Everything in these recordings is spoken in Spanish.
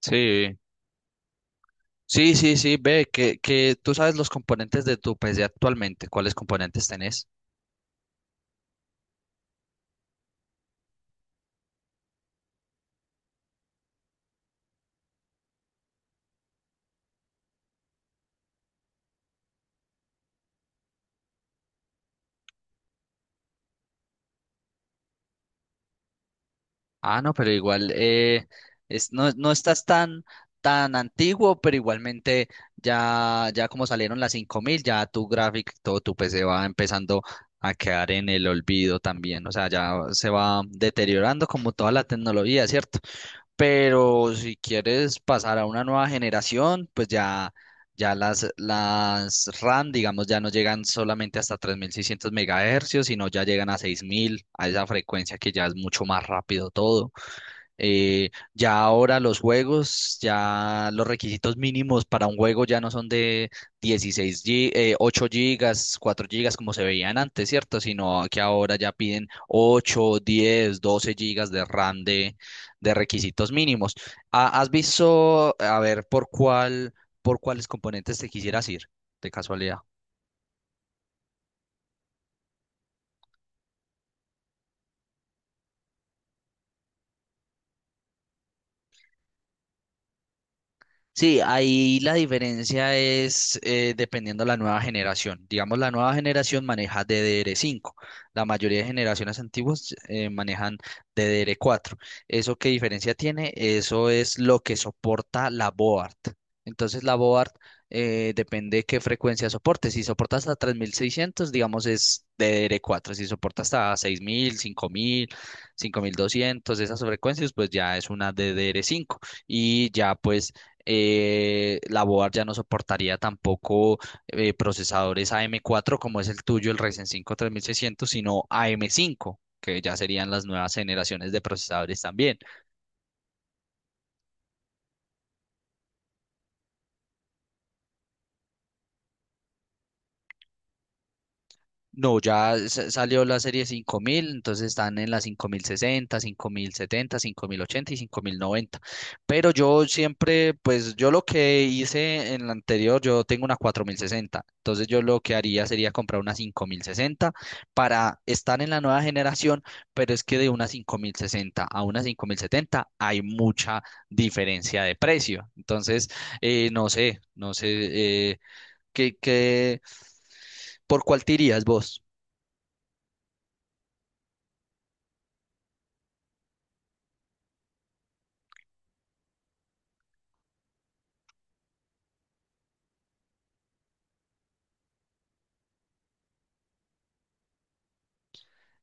Sí, sí, sí, sí, ve que tú sabes los componentes de tu PC actualmente, ¿cuáles componentes tenés? Ah, no, pero igual, es, no estás tan, tan antiguo, pero igualmente ya como salieron las 5000, ya todo tu PC va empezando a quedar en el olvido también, o sea, ya se va deteriorando como toda la tecnología, ¿cierto? Pero si quieres pasar a una nueva generación, pues ya las RAM, digamos, ya no llegan solamente hasta 3600 MHz, sino ya llegan a 6000, a esa frecuencia que ya es mucho más rápido todo. Ya ahora los juegos, ya los requisitos mínimos para un juego ya no son de 8 gigas, 4 gigas como se veían antes, ¿cierto? Sino que ahora ya piden 8, 10, 12 gigas de RAM de requisitos mínimos. Ah, ¿has visto, a ver, por cuáles componentes te quisieras ir, de casualidad? Sí, ahí la diferencia es, dependiendo de la nueva generación. Digamos, la nueva generación maneja DDR cinco. La mayoría de generaciones antiguas, manejan DDR cuatro. ¿Eso qué diferencia tiene? Eso es lo que soporta la board. Entonces, la board, depende qué frecuencia soporte. Si soporta hasta 3600, digamos, es DDR cuatro. Si soporta hasta seis mil, mil, cinco mil, 5200, esas frecuencias, pues ya es una DDR cinco. Y ya, pues, la board ya no soportaría tampoco, procesadores AM4 como es el tuyo, el Ryzen cinco 3600, sino AM5, que ya serían las nuevas generaciones de procesadores también. No, ya salió la serie 5000, entonces están en la 5060, 5070, 5080 y 5090. Pero yo siempre, pues yo lo que hice en la anterior, yo tengo una 4060. Entonces yo lo que haría sería comprar una 5060 para estar en la nueva generación, pero es que de una 5060 a una 5070 hay mucha diferencia de precio. Entonces, no sé, ¿qué, por cuál te irías vos?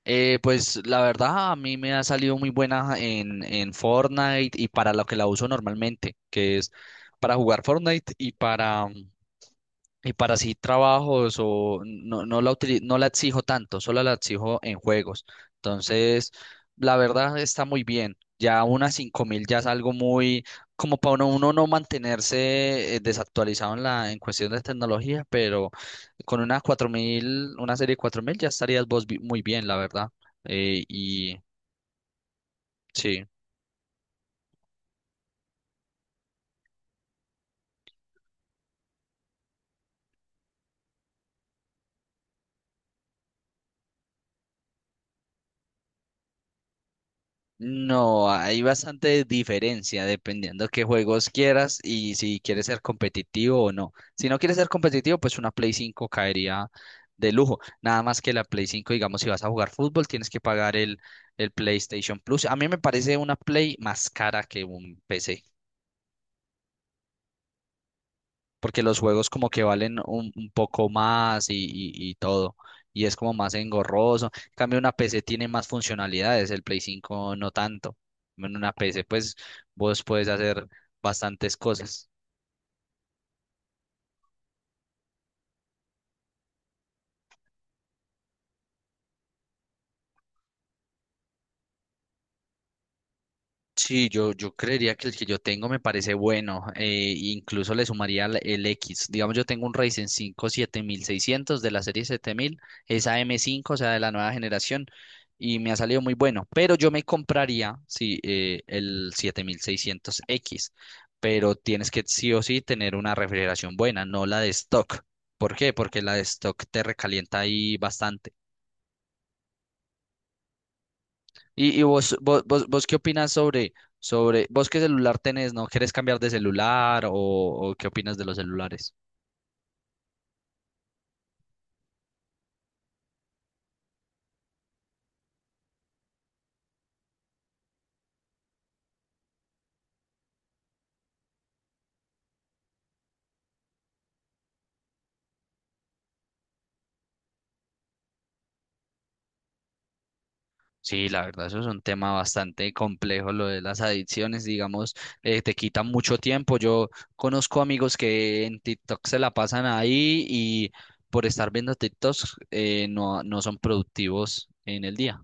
Pues la verdad a mí me ha salido muy buena en Fortnite y para lo que la uso normalmente, que es para jugar Fortnite y para sí trabajos o no, no la exijo tanto, solo la exijo en juegos. Entonces, la verdad está muy bien. Ya unas 5000 ya es algo muy como para uno no mantenerse, desactualizado en la en cuestión de tecnología, pero con una 4000, una serie 4000 ya estarías vos muy bien, la verdad. Eh, y sí. No, hay bastante diferencia dependiendo qué juegos quieras y si quieres ser competitivo o no. Si no quieres ser competitivo, pues una Play 5 caería de lujo. Nada más que la Play 5, digamos, si vas a jugar fútbol, tienes que pagar el PlayStation Plus. A mí me parece una Play más cara que un PC, porque los juegos como que valen un poco más y todo, y es como más engorroso. En cambio, una PC tiene más funcionalidades, el Play 5 no tanto. En una PC, pues vos puedes hacer bastantes cosas. Sí, yo creería que el que yo tengo me parece bueno, incluso le sumaría el X. Digamos, yo tengo un Ryzen 5 7600 de la serie 7000, esa M5, o sea, de la nueva generación, y me ha salido muy bueno, pero yo me compraría, sí, el 7600X, pero tienes que sí o sí tener una refrigeración buena, no la de stock. ¿Por qué? Porque la de stock te recalienta ahí bastante. Y vos, qué opinas sobre, vos qué celular tenés, ¿no? ¿Quieres cambiar de celular o qué opinas de los celulares? Sí, la verdad, eso es un tema bastante complejo, lo de las adicciones, digamos, te quita mucho tiempo. Yo conozco amigos que en TikTok se la pasan ahí y por estar viendo TikToks, no son productivos en el día.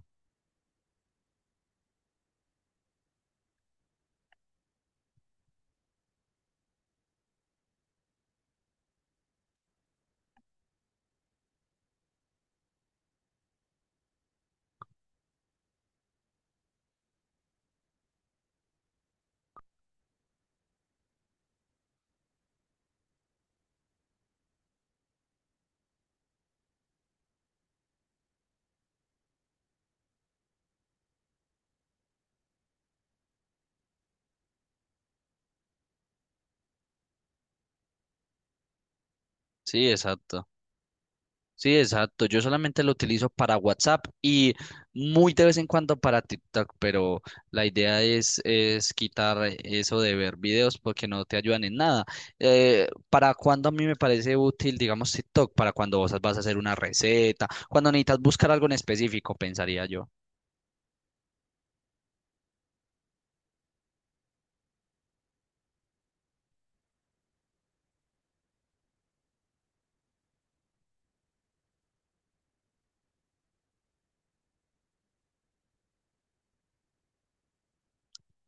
Sí, exacto. Sí, exacto. Yo solamente lo utilizo para WhatsApp y muy de vez en cuando para TikTok, pero la idea es quitar eso de ver videos porque no te ayudan en nada. ¿Para cuando a mí me parece útil, digamos, TikTok? Para cuando vos vas a hacer una receta, cuando necesitas buscar algo en específico, pensaría yo.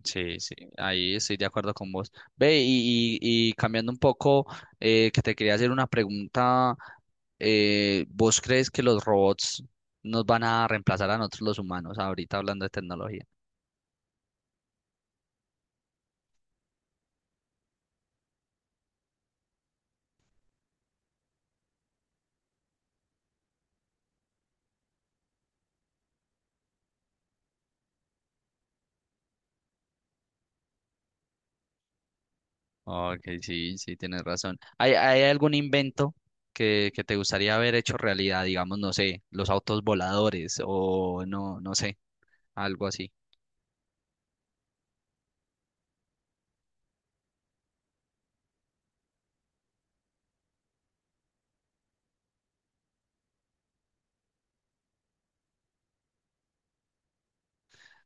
Sí, sí, ahí estoy de acuerdo con vos. Ve, y cambiando un poco, que te quería hacer una pregunta, ¿vos crees que los robots nos van a reemplazar a nosotros los humanos, ahorita hablando de tecnología? Ok, sí, sí, tienes razón. ¿Hay algún invento que te gustaría haber hecho realidad? Digamos, no sé, los autos voladores o no sé, algo así.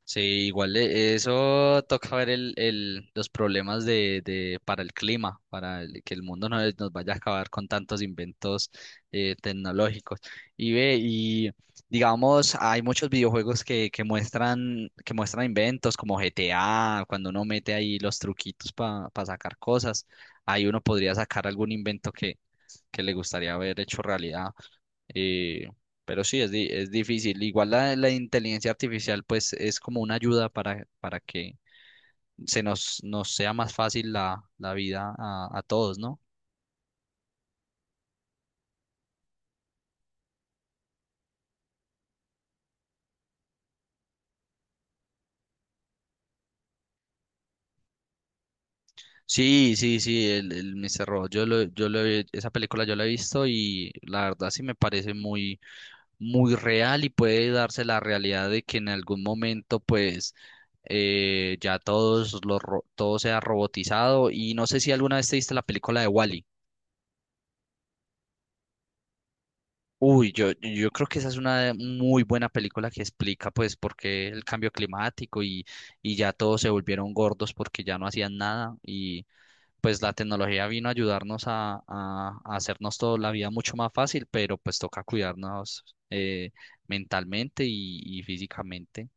Sí, igual, eso toca ver los problemas para el clima, que el mundo no nos vaya a acabar con tantos inventos, tecnológicos. Y ve, y digamos, hay muchos videojuegos que muestran inventos como GTA, cuando uno mete ahí los truquitos para sacar cosas, ahí uno podría sacar algún invento que le gustaría haber hecho realidad. Y, pero sí, es difícil. Igual la inteligencia artificial, pues, es como una ayuda para que nos sea más fácil la vida a todos, ¿no? Sí, sí, sí, el Mr. Robot, esa película yo la he visto y la verdad sí me parece muy, muy real y puede darse la realidad de que en algún momento, pues, ya todos todo sea robotizado. Y no sé si alguna vez te viste la película de Wall. Uy, yo creo que esa es una muy buena película que explica pues por qué el cambio climático y ya todos se volvieron gordos porque ya no hacían nada y pues la tecnología vino a ayudarnos a hacernos toda la vida mucho más fácil, pero pues toca cuidarnos, mentalmente y físicamente.